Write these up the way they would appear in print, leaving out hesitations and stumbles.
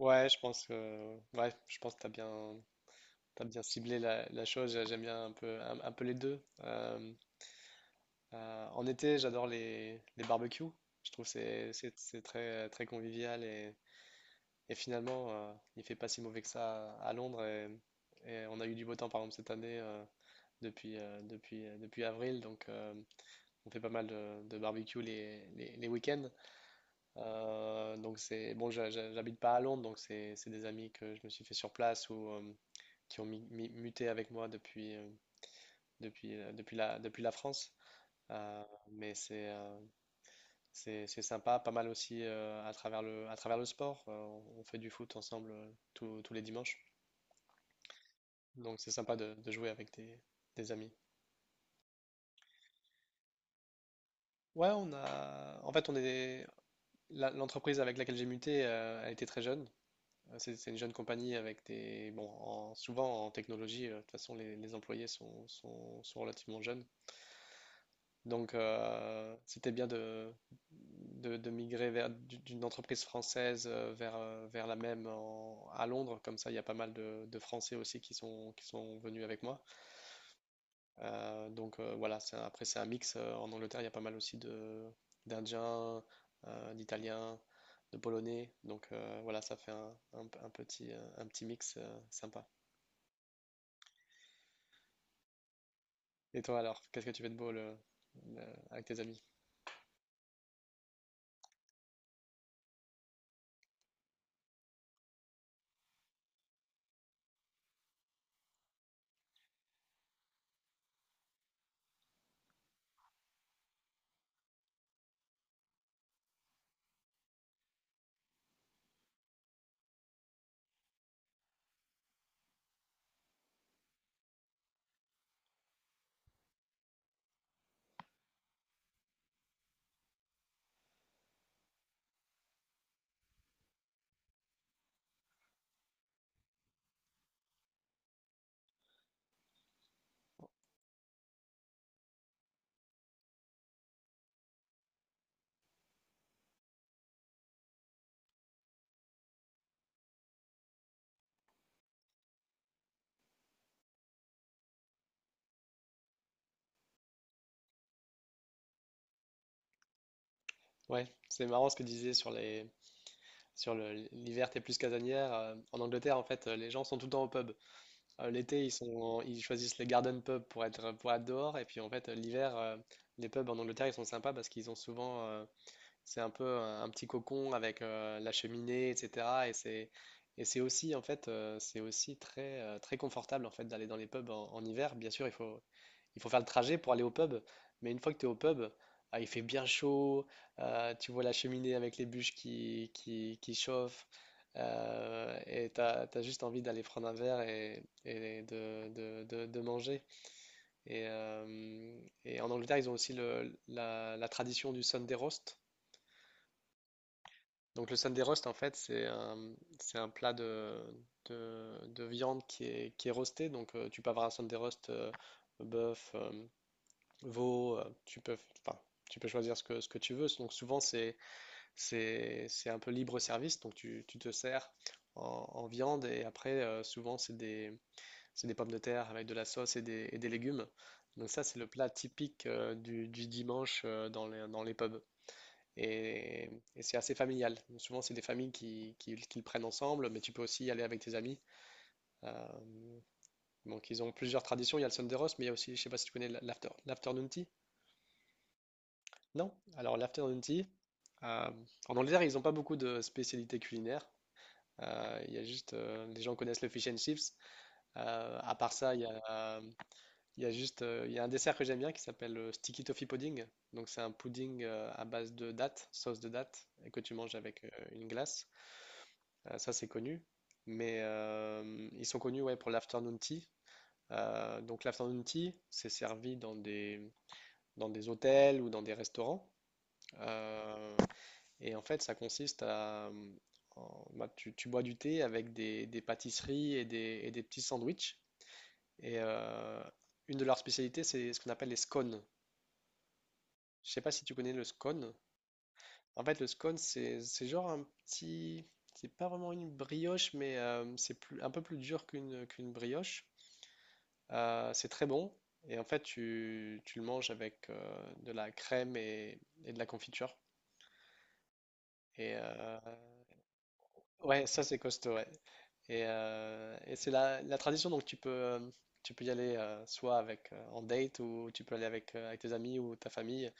Ouais, je pense que ouais, je pense que t'as bien ciblé la chose. J'aime bien un peu un peu les deux. En été, j'adore les barbecues. Je trouve que c'est très très convivial et finalement il fait pas si mauvais que ça à Londres et on a eu du beau temps par exemple cette année depuis avril donc on fait pas mal de barbecues les week-ends. Donc c'est bon, j'habite pas à Londres, donc c'est des amis que je me suis fait sur place ou qui ont muté avec moi depuis la France. Mais c'est sympa, pas mal aussi à à travers le sport. On fait du foot ensemble tous les dimanches. Donc c'est sympa de jouer avec des amis. Ouais, on a. En fait, on est. L'entreprise avec laquelle j'ai muté a été très jeune. C'est une jeune compagnie avec des. Bon, souvent en technologie, de toute façon, les employés sont relativement jeunes. Donc, c'était bien de migrer vers d'une entreprise française vers la même à Londres. Comme ça, il y a pas mal de Français aussi qui sont venus avec moi. Donc voilà, c'est après, c'est un mix. En Angleterre, il y a pas mal aussi d'Indiens, d'Italiens, de Polonais. Donc voilà, ça fait un petit mix sympa. Et toi alors, qu'est-ce que tu fais de beau le- avec tes amis? Ouais, c'est marrant ce que tu disais sur l'hiver, t'es plus casanière. En Angleterre, en fait, les gens sont tout le temps au pub. L'été, ils choisissent les garden pubs pour être dehors. Et puis, en fait, l'hiver, les pubs en Angleterre, ils sont sympas parce qu'ils ont souvent, c'est un peu un petit cocon avec la cheminée, etc. Et c'est aussi, en fait, c'est aussi très confortable, en fait, d'aller dans les pubs en hiver. Bien sûr, il faut faire le trajet pour aller au pub. Mais une fois que tu es au pub, ah, il fait bien chaud. Tu vois la cheminée avec les bûches qui chauffent, et tu as juste envie d'aller prendre un verre et de manger. Et, euh, et en Angleterre, ils ont aussi la tradition du Sunday roast. Donc le Sunday roast, en fait, c'est un plat de viande qui est roasté. Donc tu peux avoir un Sunday roast bœuf, veau, enfin, tu peux choisir ce que tu veux. Donc souvent c'est un peu libre service, donc tu te sers en viande, et après souvent c'est des pommes de terre avec de la sauce et des légumes. Donc ça c'est le plat typique du dimanche dans les pubs. Et, et c'est assez familial. Souvent c'est des familles qui le prennent ensemble, mais tu peux aussi y aller avec tes amis. Euh, donc ils ont plusieurs traditions. Il y a le Sunday roast, mais il y a aussi, je ne sais pas si tu connais l'afternoon tea. Non, alors l'afternoon tea, euh, en Angleterre, ils n'ont pas beaucoup de spécialités culinaires. Il y a les gens connaissent le fish and chips. À part ça, il y a juste, il y a un dessert que j'aime bien qui s'appelle le sticky toffee pudding. Donc c'est un pudding à base de dattes, sauce de dattes, et que tu manges avec une glace. Ça c'est connu. Mais ils sont connus, ouais, pour l'afternoon tea. Donc l'afternoon tea, c'est servi dans des hôtels ou dans des restaurants. Euh, Et en fait, ça consiste à bah, tu bois du thé avec des pâtisseries et des petits sandwichs. Et euh, une de leurs spécialités, c'est ce qu'on appelle les scones. Je sais pas si tu connais le scone. En fait, le scone, c'est genre un petit. C'est pas vraiment une brioche, mais c'est un peu plus dur qu'une brioche. C'est très bon. Et en fait, tu le manges avec de la crème et de la confiture. Et euh, ouais, ça c'est costaud, ouais. Et c'est la tradition, donc tu peux y aller soit en date ou tu peux aller avec tes amis ou ta famille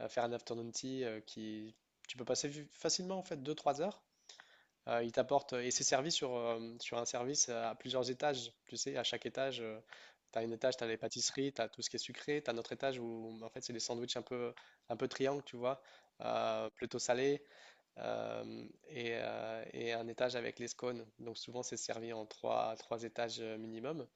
faire un afternoon tea qui tu peux passer facilement en fait deux trois heures. Ils t'apportent et c'est servi sur un service à plusieurs étages. Tu sais, à chaque étage, tu as un étage, tu as les pâtisseries, tu as tout ce qui est sucré, tu as un autre étage où en fait c'est des sandwichs un peu triangle, tu vois, plutôt salé, et un étage avec les scones. Donc souvent c'est servi en trois étages minimum,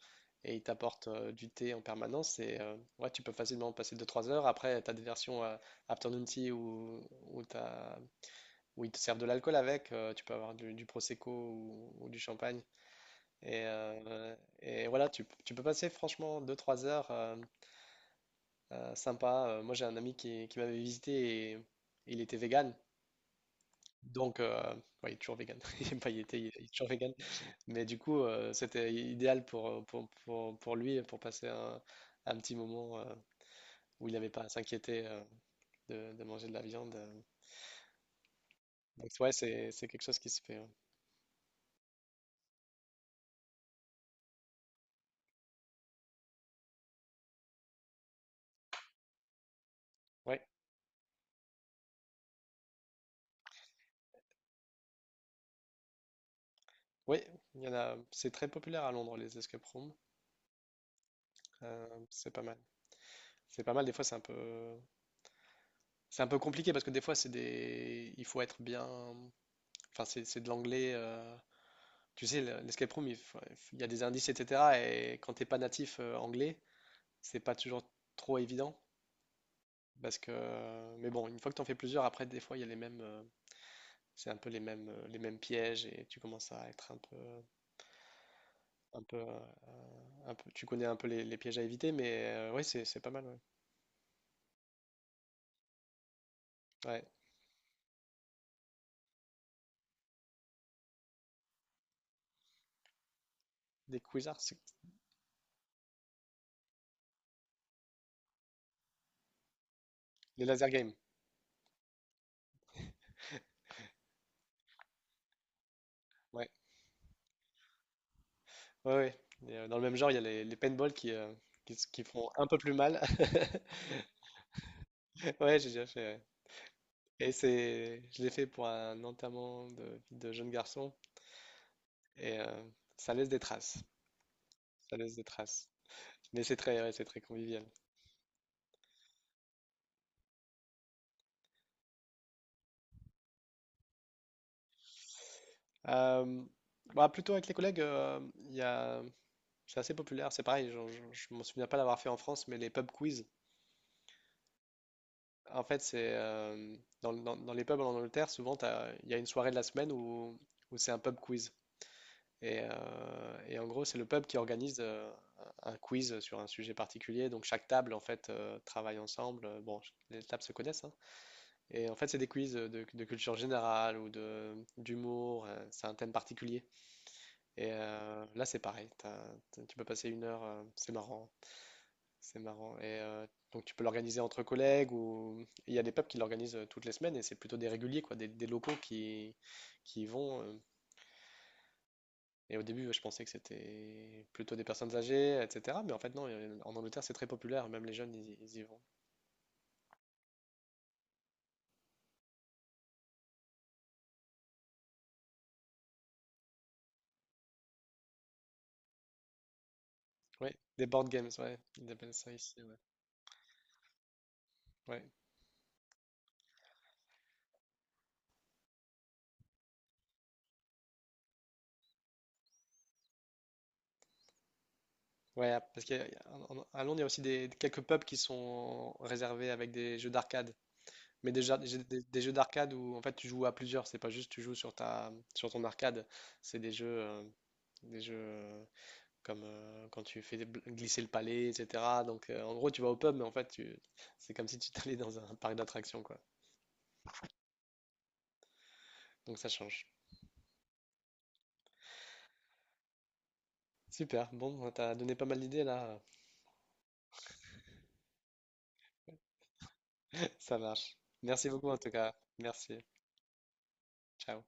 et ils t'apportent du thé en permanence et ouais, tu peux facilement passer deux trois heures. Après, tu as des versions afternoon tea où, t'as- où ils te servent de l'alcool tu peux avoir du prosecco ou du champagne. Et, euh, et voilà, tu peux passer franchement deux trois heures sympa. Moi j'ai un ami qui m'avait visité et il était vegan. Donc, ouais, il est toujours vegan. Il aime pas, il est toujours vegan. Mais du coup, c'était idéal pour lui, pour passer un petit moment où il n'avait pas à s'inquiéter de manger de la viande. Donc, ouais, c'est quelque chose qui se fait. Ouais, ouais, il y en a. C'est très populaire à Londres, les escape rooms. C'est pas mal. C'est pas mal. Des fois, c'est un peu compliqué parce que des fois, il faut être bien. Enfin, c'est de l'anglais. Tu sais, l'escape room, il y a des indices, etc. Et quand t'es pas natif anglais, c'est pas toujours trop évident. Parce que, mais bon, une fois que t'en fais plusieurs, après, des fois, il y a les mêmes, c'est un peu les mêmes pièges et tu commences à être un peu, euh, un peu, tu connais un peu les pièges à éviter. Mais ouais, c'est pas mal. Ouais. Ouais. Des quizards, les laser games. Ouais, ouais, ouais. Dans le même genre, il y a les paintball qui font un peu plus mal. Ouais, j'ai déjà fait, ouais. Je l'ai fait pour un enterrement de jeune garçon et ça laisse des traces. Ça laisse des traces. Mais c'est très, ouais, c'est très convivial. Euh, Bah, plutôt avec les collègues, il y a, c'est assez populaire. C'est pareil, je m'en souviens pas l'avoir fait en France, mais les pub quiz. En fait, c'est dans les pubs en Angleterre, souvent il y a une soirée de la semaine où c'est un pub quiz. Et en gros, c'est le pub qui organise un quiz sur un sujet particulier. Donc chaque table, en fait, travaille ensemble. Bon, les tables se connaissent, hein. Et en fait, c'est des quiz de culture générale ou de d'humour. C'est un thème particulier. Là, c'est pareil. Tu peux passer une heure. C'est marrant. C'est marrant. Donc, tu peux l'organiser entre collègues ou il y a des pubs qui l'organisent toutes les semaines et c'est plutôt des réguliers, quoi, des locaux qui y vont. Et au début, je pensais que c'était plutôt des personnes âgées, etc. Mais en fait, non, en Angleterre, c'est très populaire, même les jeunes, ils y vont. Oui, des board games, ouais, ils appellent ça ici, ouais. Ouais, Ouais, ah, parce qu'à Londres, il y a aussi quelques pubs qui sont réservés avec des jeux d'arcade. Mais des jeux d'arcade où en fait tu joues à plusieurs, c'est pas juste tu joues sur ton arcade, c'est des jeux comme quand tu fais glisser le palais, etc. Donc en gros tu vas au pub, mais en fait tu c'est comme si tu t'allais dans un parc d'attractions, quoi. Donc ça change. Super. Bon, t'as donné pas mal d'idées là. Ça marche. Merci beaucoup en tout cas. Merci. Ciao.